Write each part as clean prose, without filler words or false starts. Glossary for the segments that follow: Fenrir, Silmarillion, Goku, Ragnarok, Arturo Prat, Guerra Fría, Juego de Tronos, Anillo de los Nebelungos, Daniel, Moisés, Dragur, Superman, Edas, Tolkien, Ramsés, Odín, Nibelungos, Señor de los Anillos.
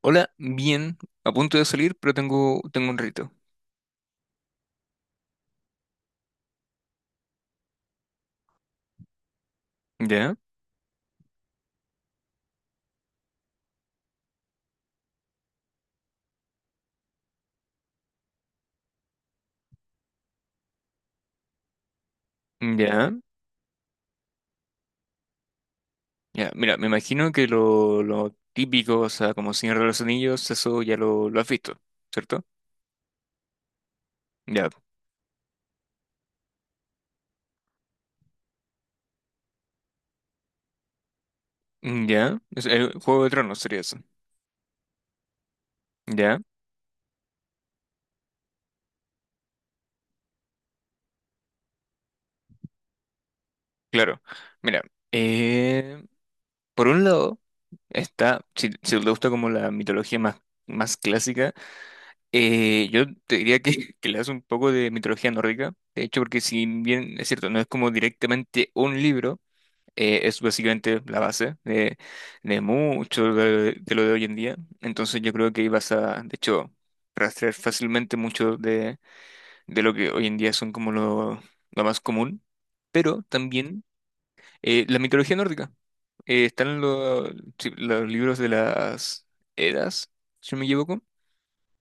Hola, bien, a punto de salir, pero tengo un rito. ¿Ya? ¿Ya? Ya, mira, me imagino que lo típico, o sea, como Señor de los Anillos, eso ya lo has visto, ¿cierto? Ya, ya, es, el Juego de Tronos sería eso. ¿Ya? Claro. Mira, eh, por un lado está, si, si te gusta como la mitología más clásica, yo te diría que, que le das un poco de mitología nórdica, de hecho, porque si bien es cierto, no es como directamente un libro, es básicamente la base de mucho de lo de hoy en día. Entonces yo creo que ahí vas a, de hecho, rastrear fácilmente mucho de lo que hoy en día son como lo más común. Pero también la mitología nórdica. Eh, están lo- sí, los libros de las Edas, si no me equivoco,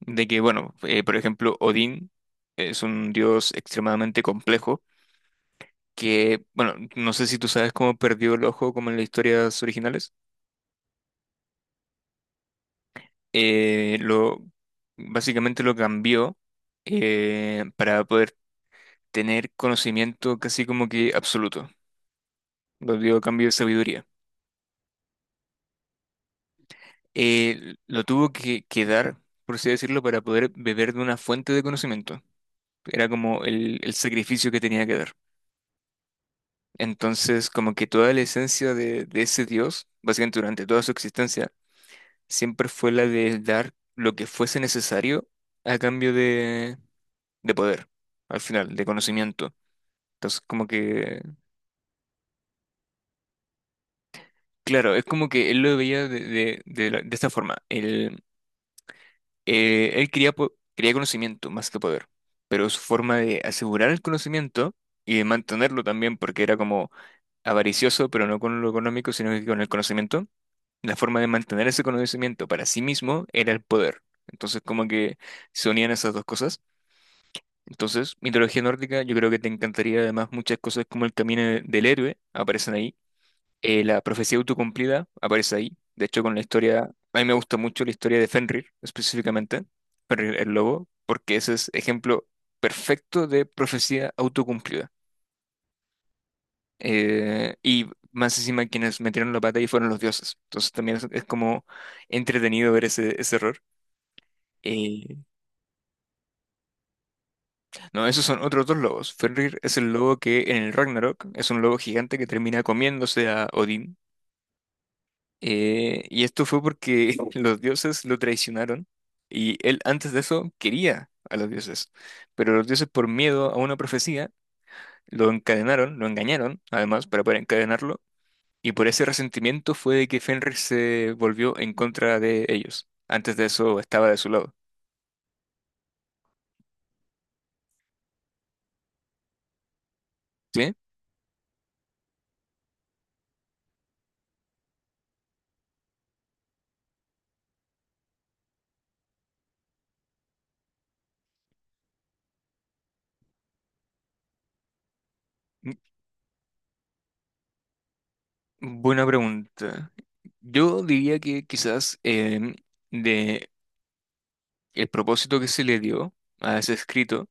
de que, bueno, por ejemplo, Odín es un dios extremadamente complejo. Que, bueno, no sé si tú sabes cómo perdió el ojo como en las historias originales. eh, lo, Básicamente lo cambió para poder tener conocimiento casi como que absoluto. Lo dio a cambio de sabiduría. Lo tuvo que dar, por así decirlo, para poder beber de una fuente de conocimiento. Era como el sacrificio que tenía que dar. Entonces, como que toda la esencia de ese Dios, básicamente durante toda su existencia, siempre fue la de dar lo que fuese necesario a cambio de poder, al final, de conocimiento. Entonces, como que, claro, es como que él lo veía de esta forma. Él, él quería conocimiento más que poder, pero su forma de asegurar el conocimiento y de mantenerlo también, porque era como avaricioso, pero no con lo económico, sino que con el conocimiento, la forma de mantener ese conocimiento para sí mismo era el poder. Entonces, como que se unían esas dos cosas. Entonces, mitología nórdica, yo creo que te encantaría además muchas cosas como el del héroe, aparecen ahí. La profecía autocumplida aparece ahí. De hecho, con la historia, a mí me gusta mucho la historia de Fenrir, específicamente, Fenrir el lobo, porque ese es ejemplo perfecto de profecía autocumplida. Y más encima, quienes metieron la pata ahí fueron los dioses. Entonces, también es como entretenido ver ese error. Eh, no, esos son otros dos lobos. Fenrir es el lobo que en el Ragnarok es un lobo gigante que termina comiéndose a Odín. Y esto fue porque los dioses lo traicionaron y él antes de eso quería a los dioses, pero los dioses por miedo a una profecía lo encadenaron, lo engañaron además para poder encadenarlo, y por ese resentimiento fue de que Fenrir se volvió en contra de ellos. Antes de eso estaba de su lado. ¿Sí? Mm, Buena pregunta. Yo diría que quizás de el propósito que se le dio a ese escrito,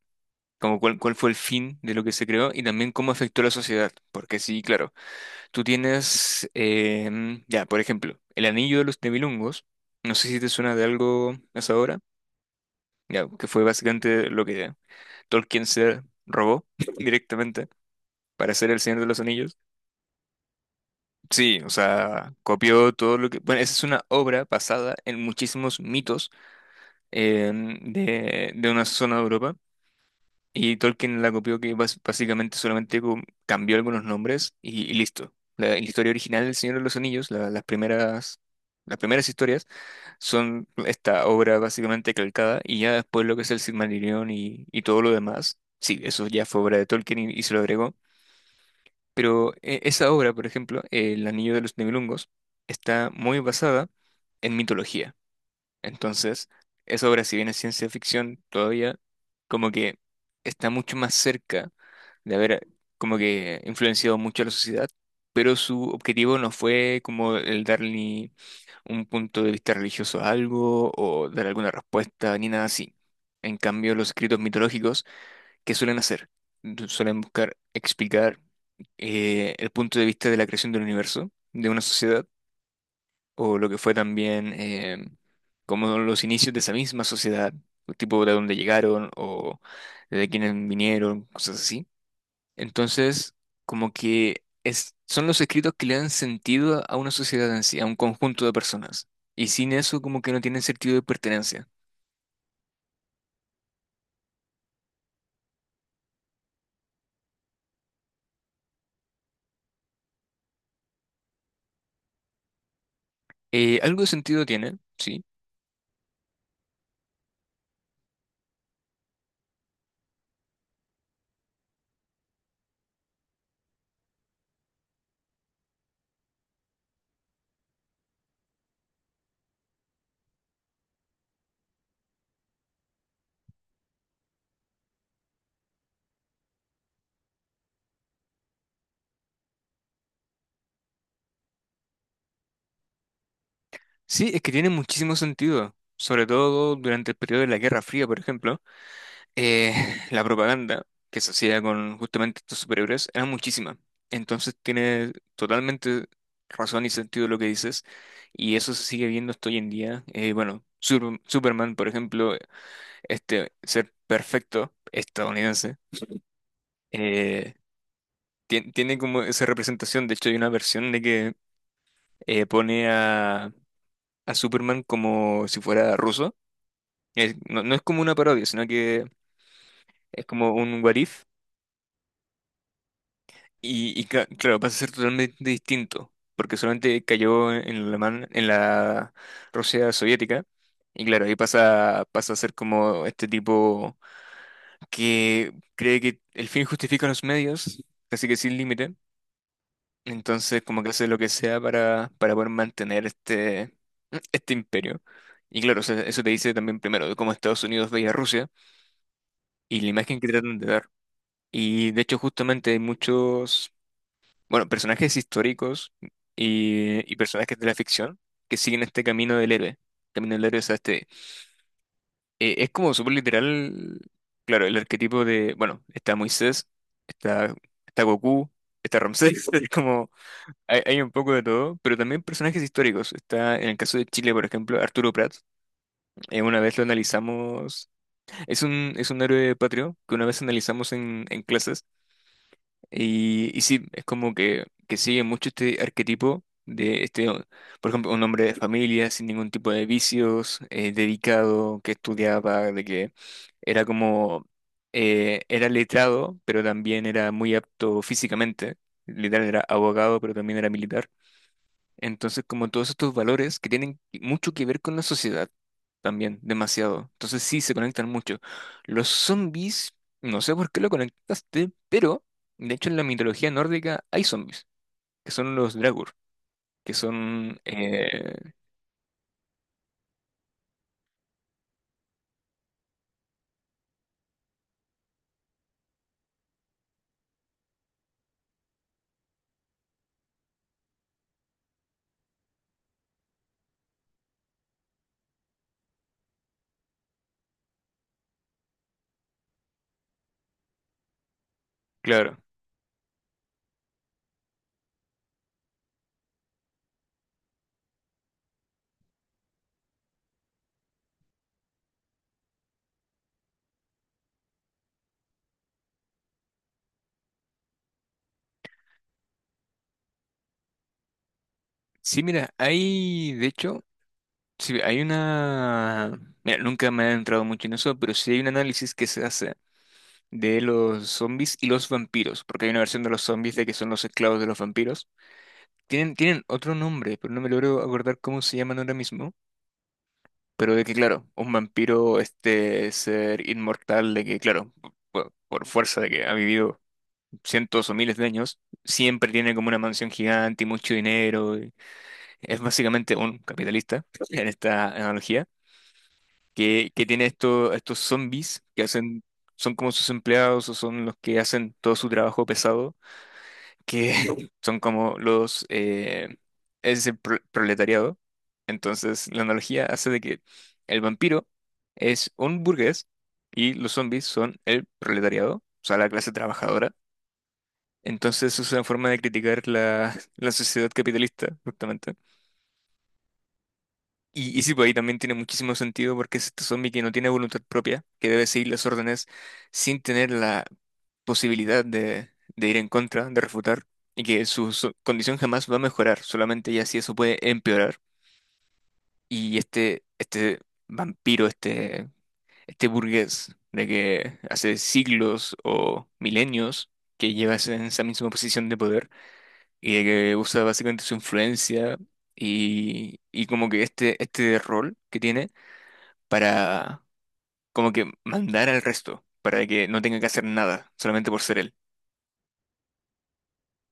como cuál fue el fin de lo que se creó, y también cómo afectó a la sociedad. Porque sí, claro, tú tienes, ya, por ejemplo, el anillo de los Nibelungos, no sé si te suena de algo hasta ahora, ya, que fue básicamente lo que Tolkien se robó directamente para hacer El Señor de los Anillos. Sí, o sea, copió todo lo que... Bueno, esa es una obra basada en muchísimos mitos de una zona de Europa. Y Tolkien la copió, que básicamente solamente cambió algunos nombres y listo. La historia original del Señor de los Anillos, las primeras historias, son esta obra básicamente calcada, y ya después lo que es el Silmarillion y todo lo demás, sí, eso ya fue obra de Tolkien y se lo agregó. Pero esa obra, por ejemplo, El Anillo de los Nebelungos, está muy basada en mitología. Entonces, esa obra, si bien es ciencia ficción, todavía como que está mucho más cerca de haber como que influenciado mucho a la sociedad, pero su objetivo no fue como el dar ni un punto de vista religioso a algo, o dar alguna respuesta ni nada así. En cambio, los escritos mitológicos, ¿qué suelen hacer? Suelen buscar explicar el punto de vista de la creación del universo, de una sociedad, o lo que fue también como los inicios de esa misma sociedad, tipo de dónde llegaron o de quiénes vinieron, cosas así. Entonces, como que es, son los escritos que le dan sentido a una sociedad en sí, a un conjunto de personas. Y sin eso, como que no tienen sentido de pertenencia. Algo de sentido tiene, sí. Sí, es que tiene muchísimo sentido, sobre todo durante el periodo de la Guerra Fría, por ejemplo. eh, la propaganda que se hacía con justamente estos superhéroes era muchísima. Entonces tiene totalmente razón y sentido lo que dices, y eso se sigue viendo hasta hoy en día. Bueno, Superman, por ejemplo, este ser perfecto estadounidense, eh, tiene como esa representación. De hecho, hay una versión de que eh, pone a, a Superman como si fuera ruso. No, no es como una parodia, sino que es como un what if. Claro, pasa a ser totalmente distinto, porque solamente cayó en el alemán, en la Rusia soviética, y claro, ahí pasa, pasa a ser como este tipo que cree que el fin justifica los medios, casi que sin límite, entonces como que hace lo que sea para poder mantener este imperio. Y claro, o sea, eso te dice también primero de cómo Estados Unidos veía a Rusia y la imagen que tratan de dar. Y de hecho justamente hay muchos... bueno, personajes históricos y personajes de la ficción que siguen este camino del héroe. Camino del héroe, o sea, este, es como súper literal, claro, el arquetipo de, bueno, está Moisés, está, está Goku, está Ramsés, es como, hay un poco de todo, pero también personajes históricos. Está, en el caso de Chile, por ejemplo, Arturo Prat, una vez lo analizamos, es un héroe patrio que una vez analizamos en clases. Y sí, es como que sigue mucho este arquetipo de este, por ejemplo, un hombre de familia sin ningún tipo de vicios, dedicado, que estudiaba, de que era como, era letrado, pero también era muy apto físicamente. Literal era abogado, pero también era militar. Entonces, como todos estos valores que tienen mucho que ver con la sociedad también, demasiado. Entonces sí, se conectan mucho. Los zombies, no sé por qué lo conectaste, pero de hecho en la mitología nórdica hay zombies, que son los Dragur, que son, claro. Sí, mira, hay, de hecho, sí, hay una... Mira, nunca me he entrado mucho en eso, pero sí hay un análisis que se hace de los zombies y los vampiros, porque hay una versión de los zombies de que son los esclavos de los vampiros. Tienen otro nombre, pero no me logro acordar cómo se llaman ahora mismo. Pero de que, claro, un vampiro, este ser inmortal, de que, claro, por fuerza de que ha vivido cientos o miles de años, siempre tiene como una mansión gigante y mucho dinero. Y es básicamente un capitalista, en esta analogía, que tiene estos zombies que hacen, son como sus empleados o son los que hacen todo su trabajo pesado, que son como los ese proletariado. Entonces, la analogía hace de que el vampiro es un burgués y los zombies son el proletariado, o sea, la clase trabajadora. Entonces, es una forma de criticar la sociedad capitalista, justamente. Y sí, pues ahí también tiene muchísimo sentido porque es este zombie que no tiene voluntad propia, que debe seguir las órdenes sin tener la posibilidad de ir en contra, de refutar, y que su condición jamás va a mejorar, solamente ya si eso puede empeorar. Y este vampiro, este burgués de que hace siglos o milenios que lleva en esa misma posición de poder y de que usa básicamente su influencia y como que este rol que tiene para como que mandar al resto, para que no tenga que hacer nada, solamente por ser él.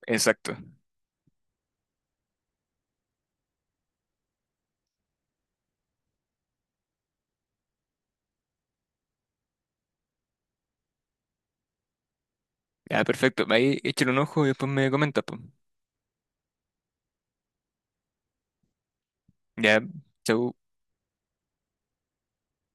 Exacto. Ya, perfecto. Ahí échale un ojo y después me comenta, pues. Ya, chau.